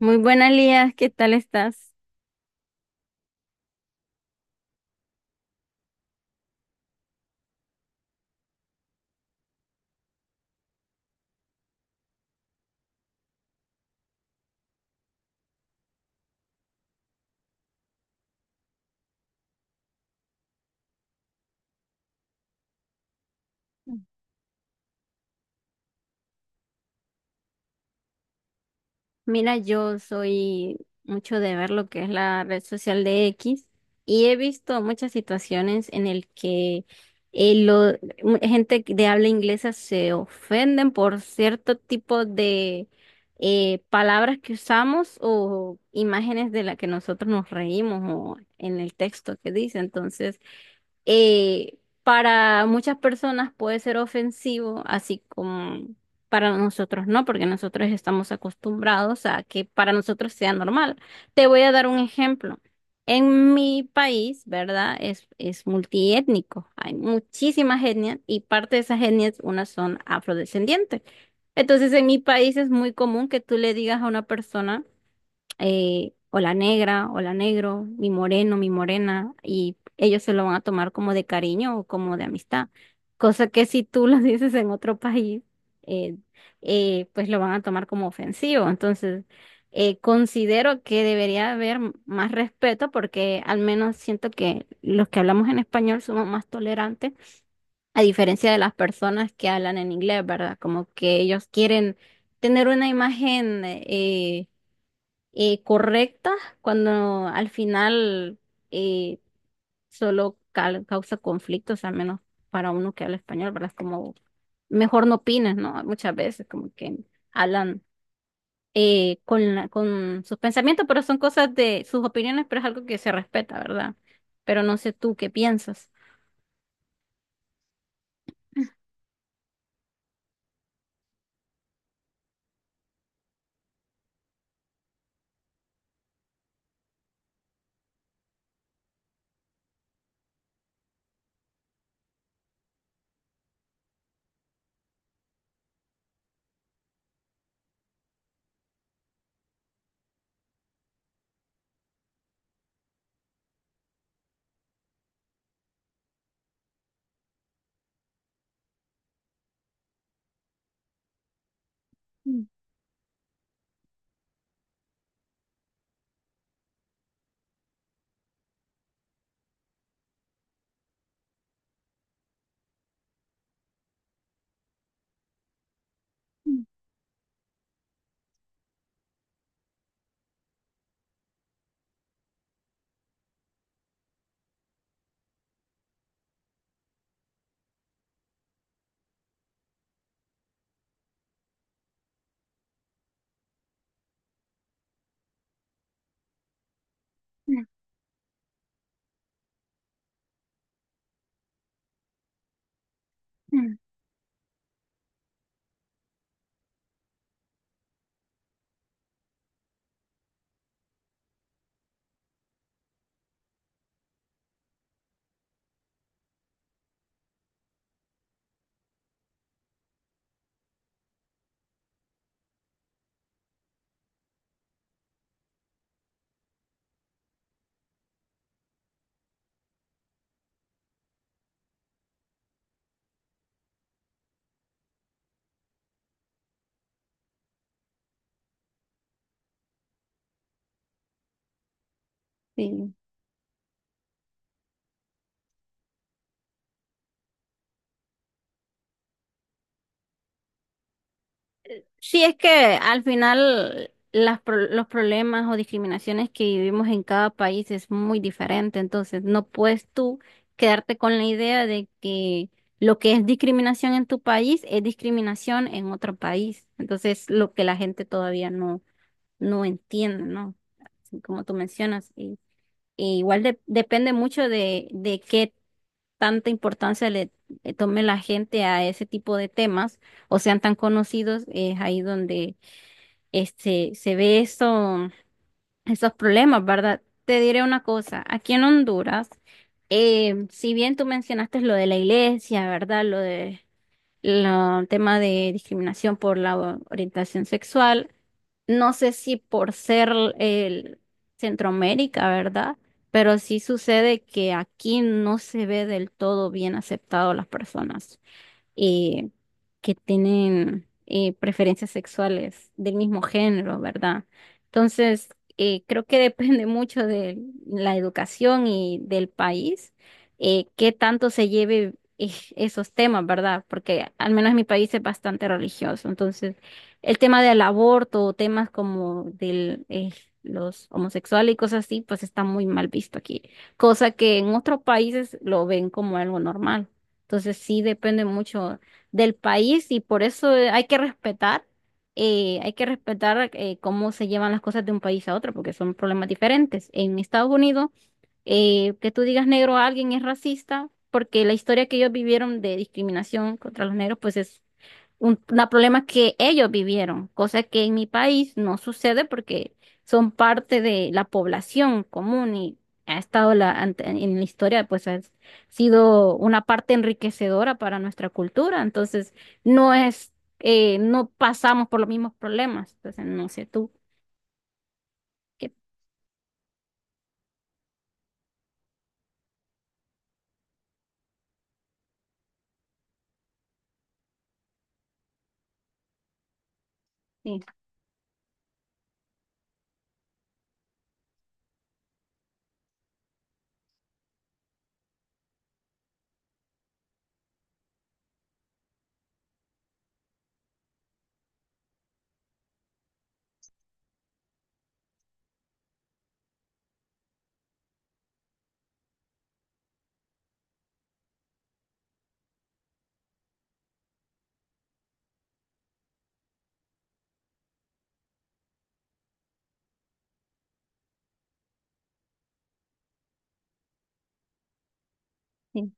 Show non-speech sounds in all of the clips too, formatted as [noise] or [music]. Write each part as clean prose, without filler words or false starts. Muy buenas, Lías, ¿qué tal estás? Mira, yo soy mucho de ver lo que es la red social de X y he visto muchas situaciones en el que eh, lo- gente de habla inglesa se ofenden por cierto tipo de palabras que usamos o imágenes de las que nosotros nos reímos o en el texto que dice. Entonces, para muchas personas puede ser ofensivo, así como para nosotros no, porque nosotros estamos acostumbrados a que para nosotros sea normal. Te voy a dar un ejemplo. En mi país, ¿verdad? Es multiétnico. Hay muchísimas etnias y parte de esas etnias, unas son afrodescendientes. Entonces, en mi país es muy común que tú le digas a una persona o la negra, o la negro, mi moreno, mi morena, y ellos se lo van a tomar como de cariño o como de amistad. Cosa que si tú lo [laughs] dices en otro país, eh, pues lo van a tomar como ofensivo. Entonces, considero que debería haber más respeto porque al menos siento que los que hablamos en español somos más tolerantes, a diferencia de las personas que hablan en inglés, ¿verdad? Como que ellos quieren tener una imagen. Correcta cuando al final, eh, solo causa conflictos, al menos para uno que habla español, ¿verdad? Es como mejor no opines, ¿no? Muchas veces como que hablan con, con sus pensamientos, pero son cosas de sus opiniones, pero es algo que se respeta, ¿verdad? Pero no sé tú qué piensas. Mm, mm, mm. Sí. Sí, es que al final las los problemas o discriminaciones que vivimos en cada país es muy diferente, entonces no puedes tú quedarte con la idea de que lo que es discriminación en tu país es discriminación en otro país. Entonces, lo que la gente todavía no, no entiende, ¿no? Así como tú mencionas, y igual depende mucho de qué tanta importancia le tome la gente a ese tipo de temas o sean tan conocidos, es ahí donde se ve eso, esos problemas, ¿verdad? Te diré una cosa, aquí en Honduras, si bien tú mencionaste lo de la iglesia, ¿verdad? Lo tema de discriminación por la orientación sexual, no sé si por ser el Centroamérica, ¿verdad? Pero sí sucede que aquí no se ve del todo bien aceptado a las personas eh, que tienen preferencias sexuales del mismo género, ¿verdad? Entonces, creo que [laughs] depende mucho de la educación y del país, qué tanto se lleve esos temas, ¿verdad? Porque al menos en mi país es bastante religioso. Entonces, el tema del aborto o temas como los homosexuales y cosas así, pues está muy mal visto aquí, cosa que en otros países lo ven como algo normal. Entonces sí depende mucho del país y por eso hay que respetar cómo se llevan las cosas de un país a otro, porque son problemas diferentes. En Estados Unidos, que tú digas negro a alguien es racista, porque la historia que ellos vivieron de discriminación contra los negros, pues es una problema que ellos vivieron, cosa que en mi país no sucede porque son parte de la población común y ha estado en la historia, pues ha sido una parte enriquecedora para nuestra cultura, entonces no es, no pasamos por los mismos problemas, entonces no sé tú. qué- Sí, sí.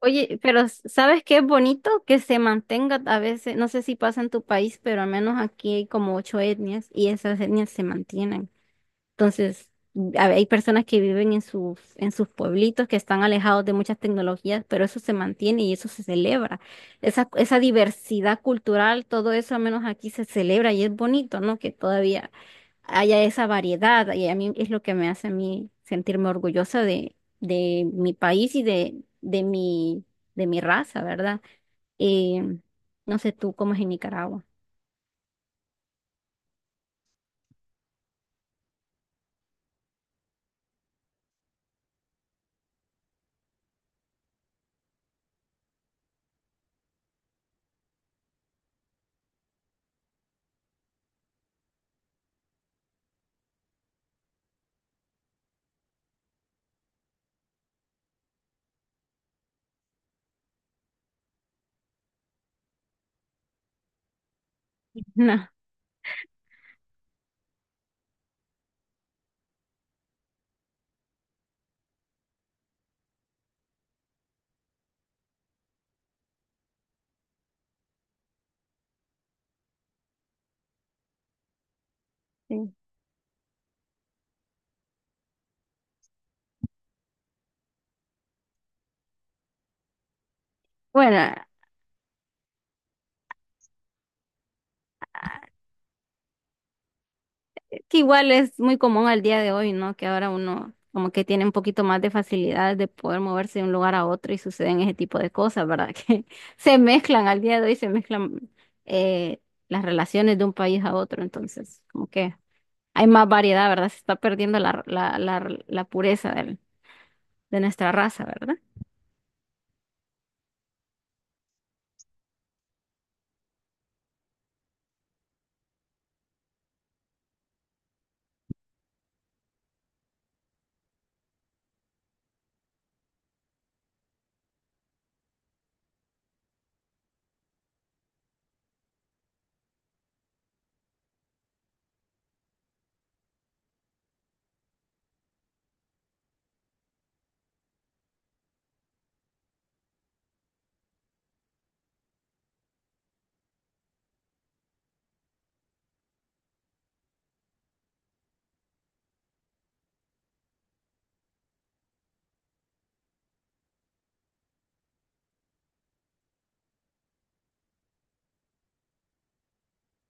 Oye, pero ¿sabes qué es bonito? Que se mantenga a veces, no sé si pasa en tu país, pero al menos aquí hay como 8 etnias y esas etnias se mantienen. Entonces, hay personas que viven en sus pueblitos, que están alejados de muchas tecnologías, pero eso se mantiene y eso se celebra. Esa diversidad cultural, todo eso al menos aquí se celebra y es bonito, ¿no? Que todavía haya esa variedad y a mí es lo que me hace a mí sentirme orgullosa de mi país y de mi, de mi raza, ¿verdad? Eh, no sé tú cómo es en Nicaragua. [laughs] No. Sí. Bueno, que igual es muy común al día de hoy, ¿no? Que ahora uno como que tiene un poquito más de facilidad de poder moverse de un lugar a otro y suceden ese tipo de cosas, ¿verdad? [laughs] Que se mezclan al día de hoy, se mezclan eh, las relaciones de un país a otro, entonces como que hay más variedad, ¿verdad? Se está perdiendo la pureza de nuestra raza, ¿verdad?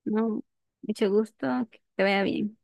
No, mucho gusto, que te vaya bien.